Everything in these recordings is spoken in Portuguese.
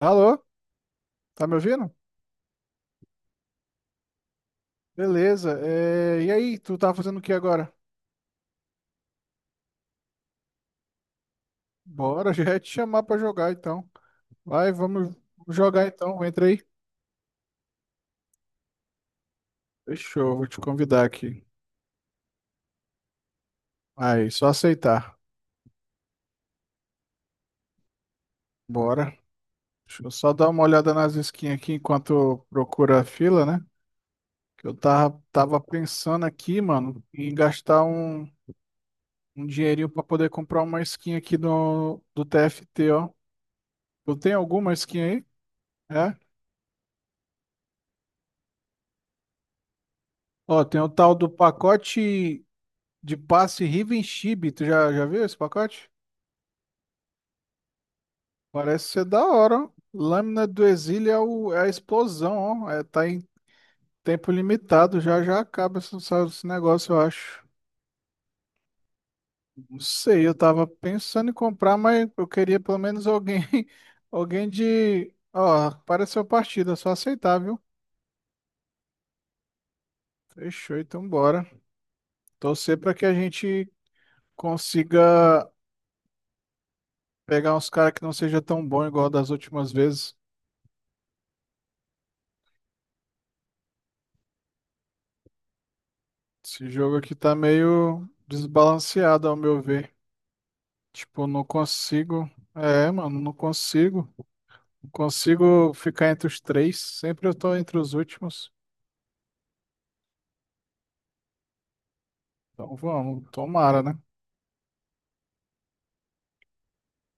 Alô? Tá me ouvindo? Beleza. É, e aí, tu tá fazendo o que agora? Bora, já ia te chamar pra jogar então. Vai, vamos jogar então. Entra aí. Fechou, vou te convidar aqui. Aí, só aceitar. Bora. Deixa eu só dar uma olhada nas skins aqui enquanto procura a fila, né? Que eu tava pensando aqui, mano, em gastar um dinheirinho pra poder comprar uma skin aqui do TFT, ó. Tu tem alguma skin aí? É? Ó, tem o tal do pacote de passe Riven Chibi, tu já viu esse pacote? Parece ser da hora, ó. Lâmina do Exílio é a explosão, ó. É, tá em tempo limitado, já já acaba esse negócio, eu acho. Não sei, eu tava pensando em comprar, mas eu queria pelo menos alguém, alguém de. Ó, apareceu partida, só aceitar, viu? Fechou, então bora. Torcer pra que a gente consiga pegar uns caras que não seja tão bom igual das últimas vezes. Esse jogo aqui tá meio desbalanceado, ao meu ver. Tipo, não consigo. É, mano, não consigo. Não consigo ficar entre os três. Sempre eu tô entre os últimos. Então vamos, tomara, né?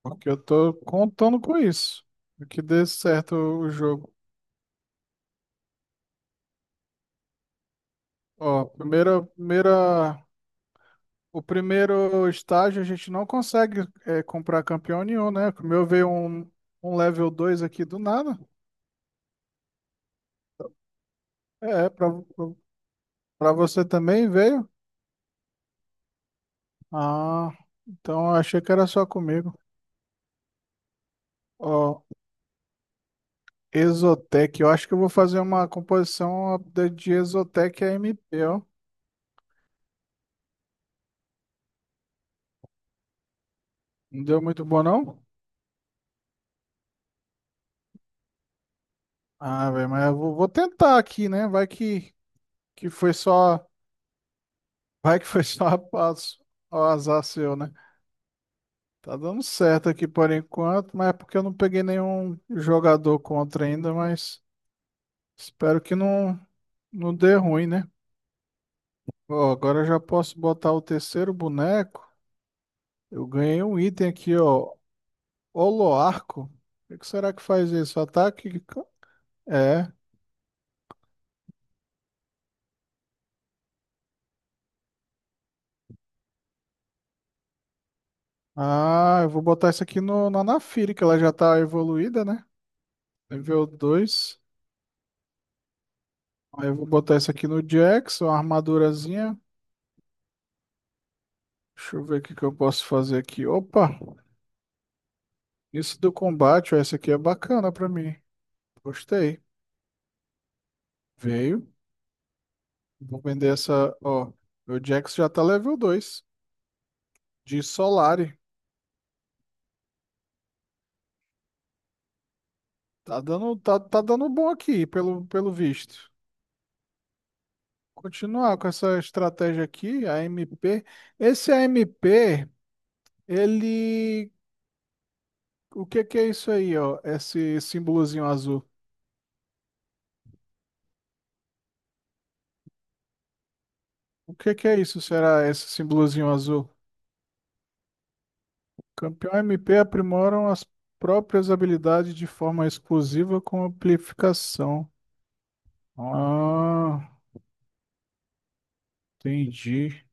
Porque eu tô contando com isso. Que dê certo o jogo. Ó, o primeiro estágio a gente não consegue comprar campeão nenhum, né? Como eu veio um level 2 aqui do nada. É, pra pra você também veio. Ah, então eu achei que era só comigo. Ó, Exotec. Eu acho que eu vou fazer uma composição de Exotec a MP, ó. Não deu muito bom, não? Ah, velho, mas eu vou tentar aqui, né? Vai que foi só. Vai que foi só o azar seu, né? Tá dando certo aqui por enquanto, mas é porque eu não peguei nenhum jogador contra ainda, mas espero que não dê ruim, né? Ó, agora eu já posso botar o terceiro boneco. Eu ganhei um item aqui, ó. Holoarco. O que será que faz isso? Ataque? É. Ah, eu vou botar isso aqui no, na Naafiri, que ela já tá evoluída, né? Nível 2. Aí eu vou botar isso aqui no Jackson, uma armadurazinha. Deixa eu ver o que que eu posso fazer aqui. Opa! Isso do combate, ó, essa aqui é bacana pra mim. Gostei. Veio. Vou vender essa, ó. Meu Jackson já tá level 2 de Solari. Tá dando bom aqui, pelo visto. Continuar com essa estratégia aqui, a AMP. Esse a AMP, ele. O que que é isso aí, ó? Esse símbolozinho azul. O que que é isso? Será esse símbolozinho azul? Campeão MP aprimoram as próprias habilidades de forma exclusiva com amplificação. Ah, entendi.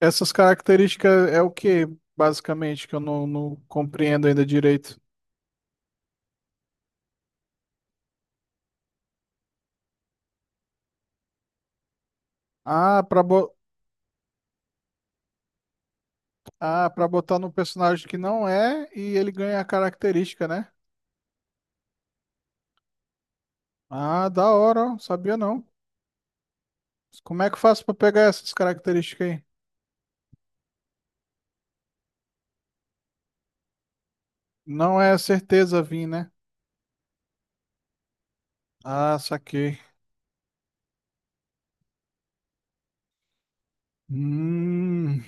Essas características é o que, basicamente, que eu não compreendo ainda direito. Ah, pra botar num personagem que não é e ele ganha a característica, né? Ah, da hora, ó. Sabia não. Como é que eu faço pra pegar essas características aí? Não é certeza vir, né? Ah, saquei. Hum,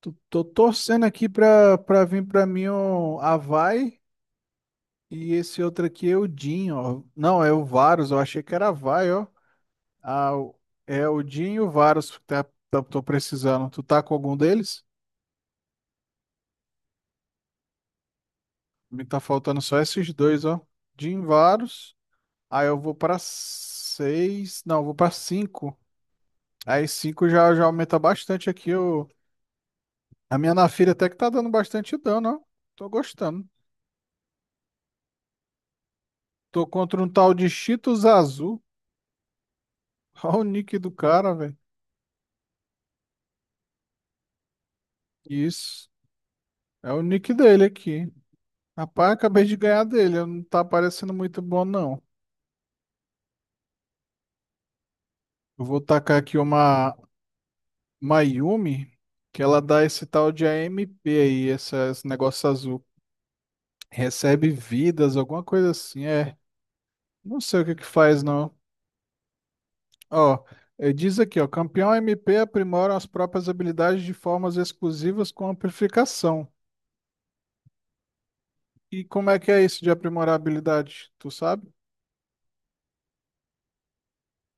tô torcendo aqui pra vir pra mim o Avai e esse outro aqui é o Jin, ó. Não, é o Varus, eu achei que era Avai, ó. Ah, é o Jin e o Varus que tô precisando. Tu tá com algum deles? Me tá faltando só esses dois, ó. De Invaros. Aí eu vou pra seis. Não, eu vou pra cinco. Aí cinco já aumenta bastante aqui. O. A minha Naafiri até que tá dando bastante dano, ó. Tô gostando. Tô contra um tal de Cheetos Azul. Olha o nick do cara, velho. Isso. É o nick dele aqui. Rapaz, acabei de ganhar dele. Não tá parecendo muito bom, não. Eu vou tacar aqui uma Yumi, que ela dá esse tal de AMP aí, esse negócio azul. Recebe vidas, alguma coisa assim, é. Não sei o que que faz, não. Ó, diz aqui, ó, campeão MP aprimora as próprias habilidades de formas exclusivas com amplificação. E como é que é isso de aprimorar a habilidade? Tu sabe?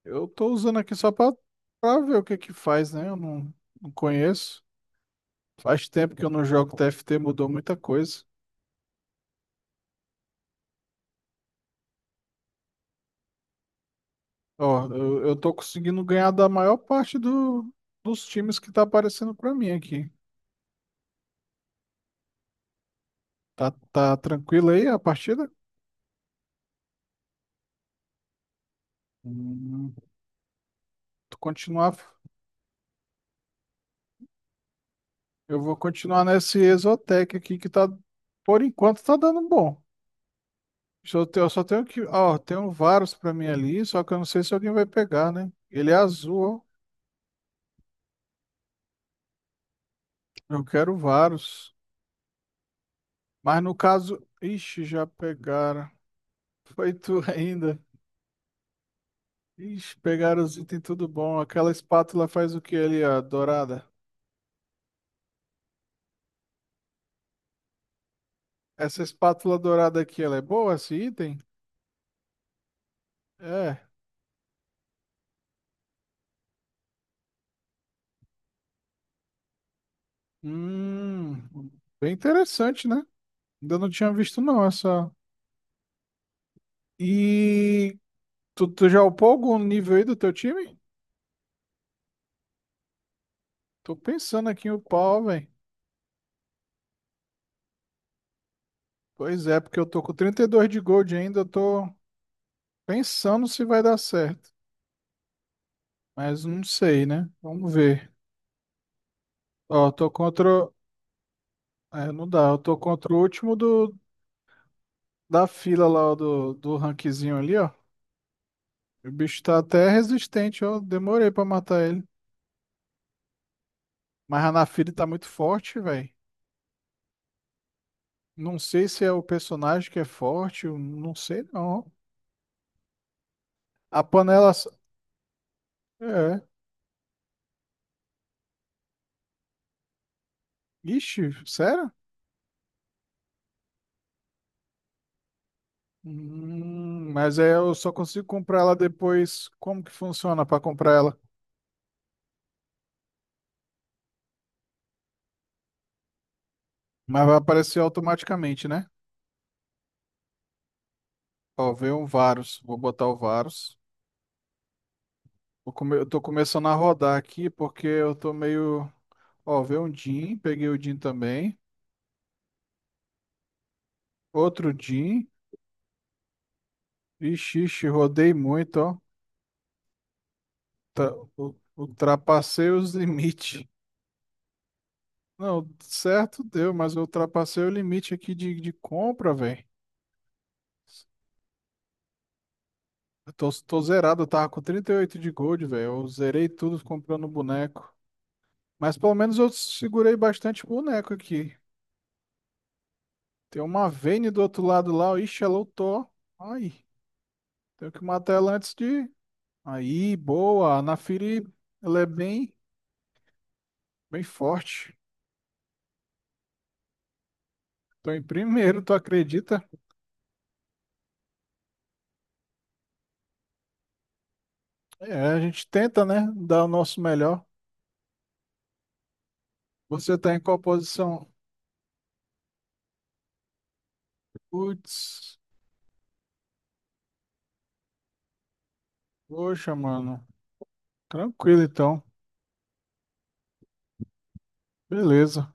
Eu tô usando aqui só pra ver o que que faz, né? Eu não conheço. Faz tempo que eu não jogo TFT, mudou muita coisa. Ó, eu tô conseguindo ganhar da maior parte dos times que tá aparecendo pra mim aqui. Tá tranquilo aí a partida? Hum, tu continuar, eu vou continuar nesse Exotec aqui que tá, por enquanto, tá dando bom. Eu só tenho que, ó, tem um Varus pra mim ali, só que eu não sei se alguém vai pegar, né? Ele é azul, ó. Eu quero Varus. Mas no caso, ixi, já pegaram. Foi tu ainda. Ixi, pegaram os itens tudo bom. Aquela espátula faz o que ali, ó, dourada. Essa espátula dourada aqui, ela é boa, esse item? É. Hum, bem interessante, né? Ainda não tinha visto não essa. E tu já upou algum nível aí do teu time? Tô pensando aqui em upar, velho. Pois é, porque eu tô com 32 de gold ainda, eu tô pensando se vai dar certo. Mas não sei, né? Vamos ver. Ó, eu tô contra. É, não dá. Eu tô contra o último da fila lá, ó, do rankzinho ali, ó. O bicho tá até resistente, ó. Demorei pra matar ele. Mas a Naafiri tá muito forte, velho. Não sei se é o personagem que é forte, eu não sei não. A panela. É. Ixi, sério? Mas aí eu só consigo comprar ela depois. Como que funciona para comprar ela? Mas vai aparecer automaticamente, né? Ó, veio um Varus. Vou botar o Varus. Eu tô começando a rodar aqui porque eu tô meio. Ó, veio um Jin. Peguei o Jin também. Outro Jin. Ixi, ixi, rodei muito, ó. Tá- Ultrapassei os limites. Não, certo deu, mas eu ultrapassei o limite aqui de compra, velho. Eu tô zerado, eu tava com 38 de gold, velho. Eu zerei tudo comprando boneco. Mas pelo menos eu segurei bastante boneco aqui. Tem uma Vayne do outro lado lá. Ixi, ela ultou. Ai, tenho que matar ela antes de. Aí, boa. A Naafiri, ela é bem, bem forte. Tô em primeiro, tu acredita? É, a gente tenta, né? Dar o nosso melhor. Você tá em qual posição? Putz, poxa, mano. Tranquilo então. Beleza.